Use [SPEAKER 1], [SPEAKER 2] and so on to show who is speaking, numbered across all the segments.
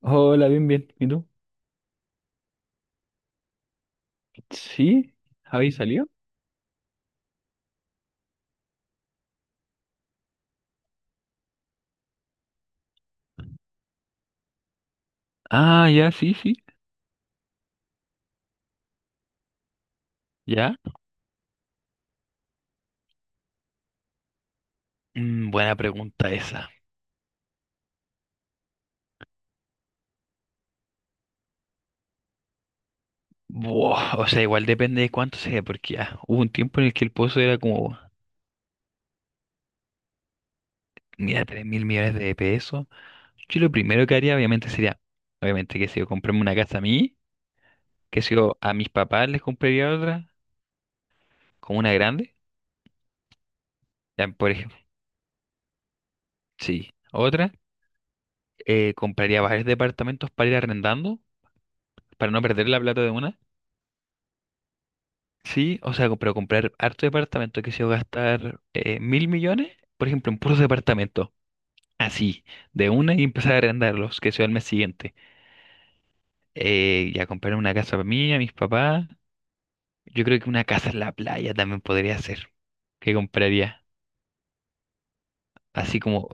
[SPEAKER 1] Hola, bien, bien. ¿Y tú? ¿Sí? ¿Habéis salió? Ah, ya, sí, sí. ¿Ya? Mm, buena pregunta esa. Buah, o sea, igual depende de cuánto sea, porque ya hubo un tiempo en el que el pozo era como, mira, 3.000 millones de pesos. Yo lo primero que haría, obviamente, sería, obviamente, que si yo comprarme una casa a mí, que si yo a mis papás les compraría otra, como una grande, ya, por ejemplo, sí, otra, compraría varios departamentos para ir arrendando, para no perder la plata de una. Sí, o sea, pero comprar harto departamento que se va a gastar mil millones, por ejemplo, en puros departamentos, así, de una y empezar a arrendarlos, que sea el mes siguiente. Ya comprar una casa para mí, a mis papás. Yo creo que una casa en la playa también podría ser. ¿Qué compraría? Así como,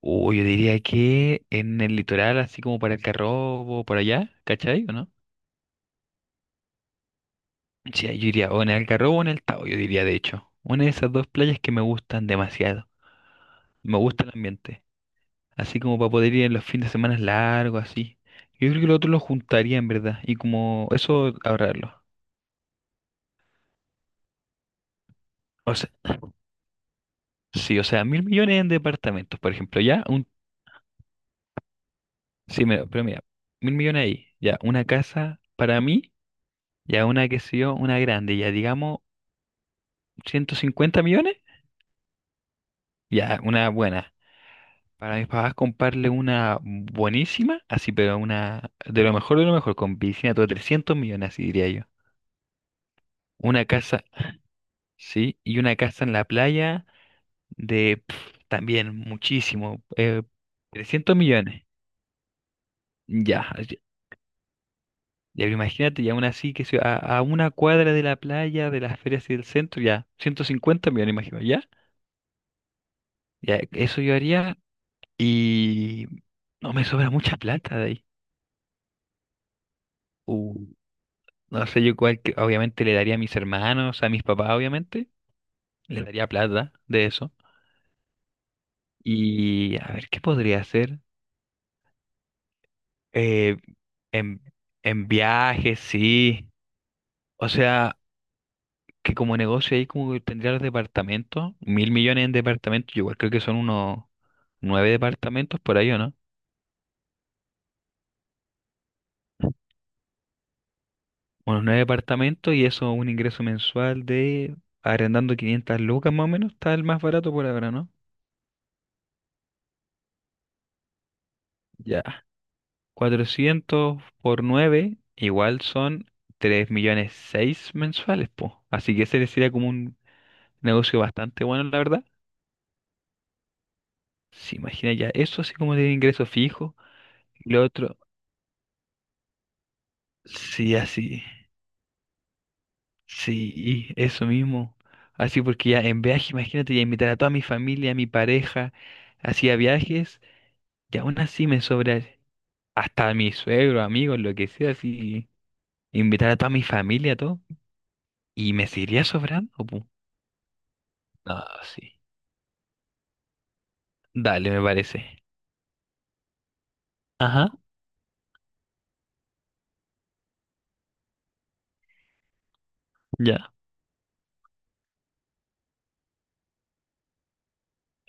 [SPEAKER 1] o yo diría que en el litoral, así como para el Algarrobo, por allá, ¿cachai? ¿O no? Sí, yo diría o en el Algarrobo o en el Tao, yo diría de hecho. Una de esas dos playas que me gustan demasiado. Me gusta el ambiente. Así como para poder ir en los fines de semana largos, así. Yo creo que lo otro lo juntaría en verdad. Y como eso, ahorrarlo. O sea, sí, o sea, mil millones en departamentos, por ejemplo. Ya, un. Sí, mira, pero mira, mil millones ahí. Ya, una casa para mí. Ya, una que sé yo, una grande. Ya, digamos, 150 millones. Ya, una buena. Para mis papás comprarle una buenísima, así, pero una de lo mejor, con piscina, todo 300 millones, así diría yo. Una casa, sí, y una casa en la playa de pf, también muchísimo, 300 millones. Ya, ya, ya imagínate, ya aún así a una cuadra de la playa, de las ferias y del centro, ya, 150 millones, imagino, ya. Ya, eso yo haría y no me sobra mucha plata de ahí. Uh, no sé, yo cuál, obviamente le daría a mis hermanos, a mis papás, obviamente, le daría plata de eso. Y a ver, ¿qué podría hacer? Eh, en, en viajes, sí. O sea, que como negocio ahí como que tendría los departamentos, mil millones en departamentos, yo igual creo que son unos nueve departamentos por ahí, ¿o no? Unos nueve departamentos y eso un ingreso mensual de arrendando 500 lucas más o menos, está el más barato por ahora, ¿no? Ya. Cuatrocientos por 9 igual son 3 millones 6 mensuales, po. Así que ese le sería como un negocio bastante bueno, la verdad. Se imagina ya eso así como de ingreso fijo. Y lo otro, sí, así. Sí, eso mismo. Así porque ya en viaje, imagínate, ya invitar a toda mi familia, a mi pareja, hacía viajes, y aún así me sobra hasta a mi suegro, amigos, lo que sea, así, invitar a toda mi familia, todo, y me seguiría sobrando, pu. No, sí. Dale, me parece. Ajá, ya.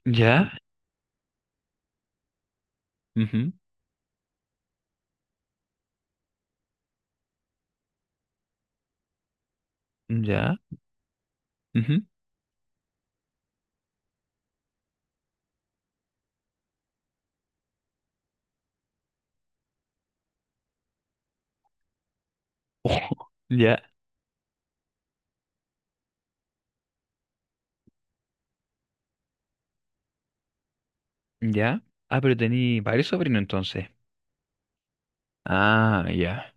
[SPEAKER 1] Ya, ujú, ya, ujú. Ojo, ya, ya. Ah, pero tení varios sobrinos entonces. Ah, ya.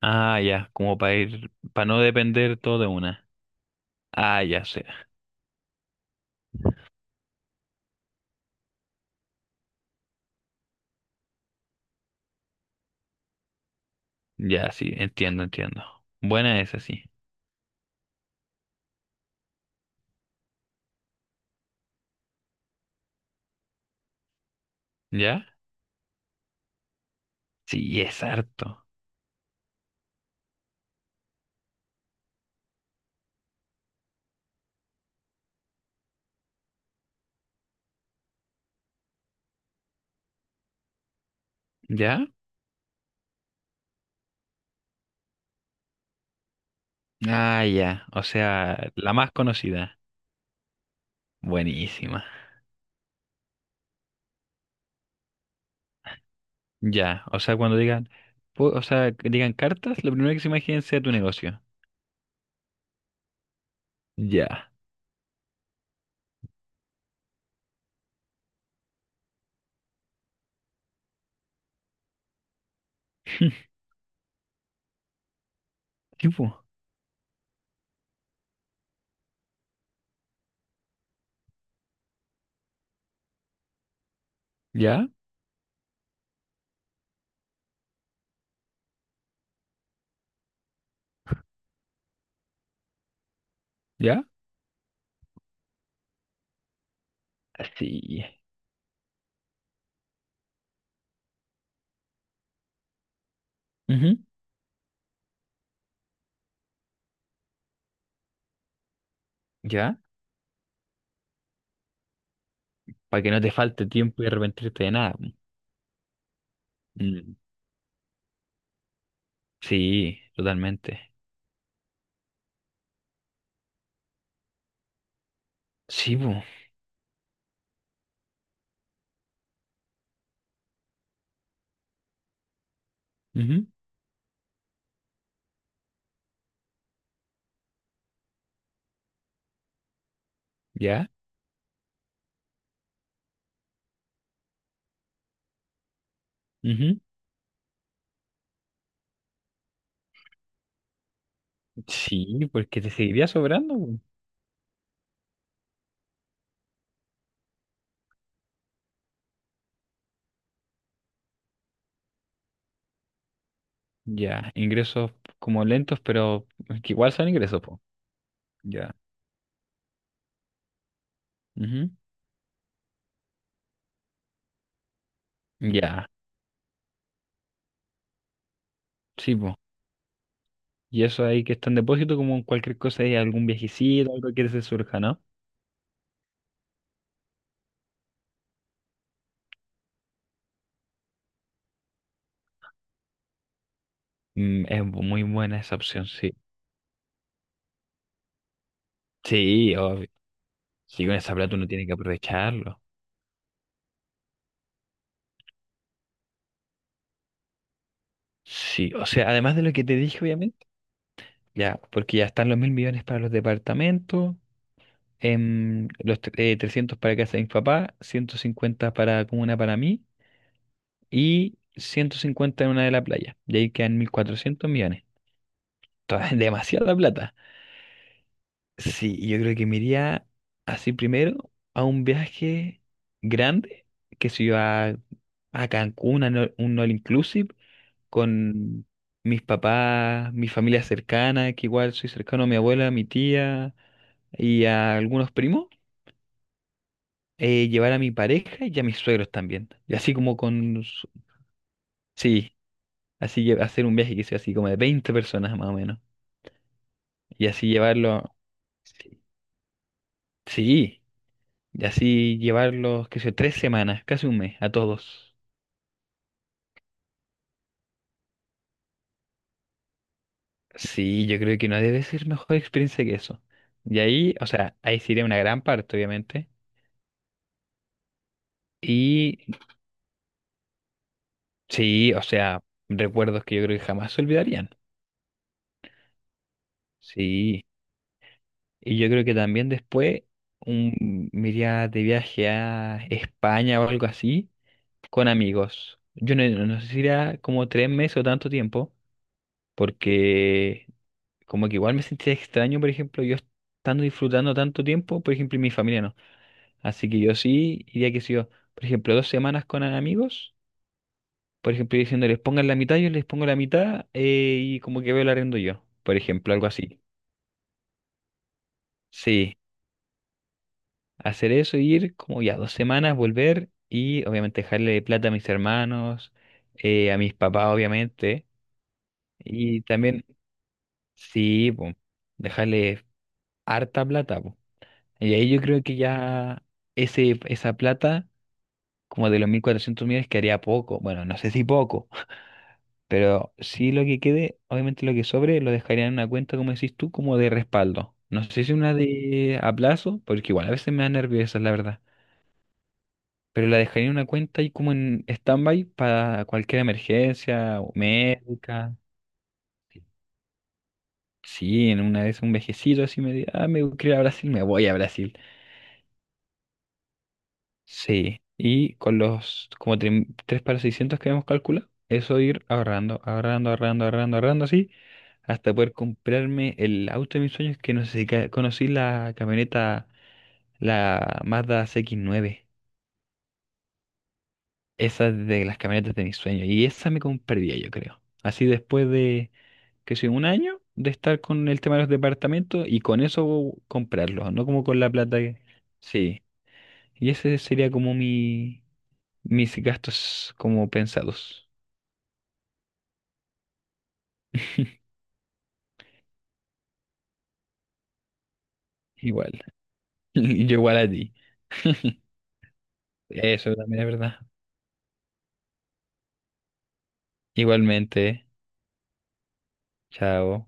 [SPEAKER 1] Ah, ya, como para ir, para no depender todo de una. Ah, ya sé. Ya, sí, entiendo, entiendo. Buena esa, sí. ¿Ya? Sí, es harto. ¿Ya? Ah, ya. O sea, la más conocida. Buenísima. Ya. O sea, cuando digan, o sea, que digan cartas, lo primero que se imaginen sea tu negocio. Ya. Tipo, ¿ya? ¿Ya? Sí. Ujú. ¿Ya? Para que no te falte tiempo y arrepentirte de nada, po. Mm. Sí, totalmente. Sí, po. Ujú. ¿Ya? Sí, porque te seguiría sobrando, po. Ya, ingresos como lentos, pero que igual son ingresos, po. Ya. Ujú, ya, sí, po. Y eso ahí que está en depósito, como en cualquier cosa, hay algún viejecito, algo que se surja, ¿no? Mm, es muy buena esa opción, sí. Sí, obvio. Sí, con esa plata uno tiene que aprovecharlo. Sí, o sea, además de lo que te dije, obviamente, ya, porque ya están los mil millones para los departamentos, los 300 para casa de mi papá, 150 para comuna para mí, y 150 en una de la playa. Y ahí quedan 1.400 millones. Demasiada plata. Sí, y yo creo que me iría así primero a un viaje grande, que si yo a Cancún, a un all inclusive, con mis papás, mi familia cercana, que igual soy cercano a mi abuela, a mi tía y a algunos primos. Llevar a mi pareja y a mis suegros también. Y así como con... sí, así que hacer un viaje que sea así como de 20 personas más o menos. Y así llevarlo, sí, sí, y así llevarlos, qué sé yo, tres semanas, casi un mes, a todos. Sí, yo creo que no debe ser mejor experiencia que eso. Y ahí, o sea, ahí sería una gran parte, obviamente. Y sí, o sea, recuerdos que yo creo que jamás se olvidarían. Sí, y yo creo que también después me iría de viaje a España o algo así con amigos. Yo no, no sé si era como tres meses o tanto tiempo, porque como que igual me sentía extraño, por ejemplo, yo estando disfrutando tanto tiempo, por ejemplo, y mi familia no. Así que yo sí iría que si yo, por ejemplo, dos semanas con amigos, por ejemplo, diciéndoles pongan la mitad, yo les pongo la mitad y como que veo el arriendo yo, por ejemplo, algo así. Sí, hacer eso, ir como ya dos semanas, volver y obviamente dejarle plata a mis hermanos, a mis papás, obviamente, y también, sí, po, dejarle harta plata, po. Y ahí yo creo que ya ese, esa plata, como de los 1.400 millones, quedaría poco. Bueno, no sé si poco, pero sí lo que quede, obviamente lo que sobre, lo dejaría en una cuenta, como decís tú, como de respaldo. No sé si una de a plazo, porque igual a veces me da nervios, esa es la verdad. Pero la dejaría en una cuenta y como en stand-by para cualquier emergencia o médica. Sí, en una vez un vejecito así me diga, ah, me quiero ir a Brasil, me voy a Brasil. Sí, y con los como tres para 600 que habíamos calculado, eso ir ahorrando, ahorrando, ahorrando, ahorrando, ahorrando así, hasta poder comprarme el auto de mis sueños, que no sé si conocí la camioneta, la Mazda CX-9, esa es de las camionetas de mis sueños, y esa me compraría yo creo. Así después de, que sé, un año de estar con el tema de los departamentos y con eso comprarlos, no como con la plata que... Sí, y ese sería como mi... mis gastos como pensados. Igual, yo igual a ti. Eso también es verdad. Igualmente, chao.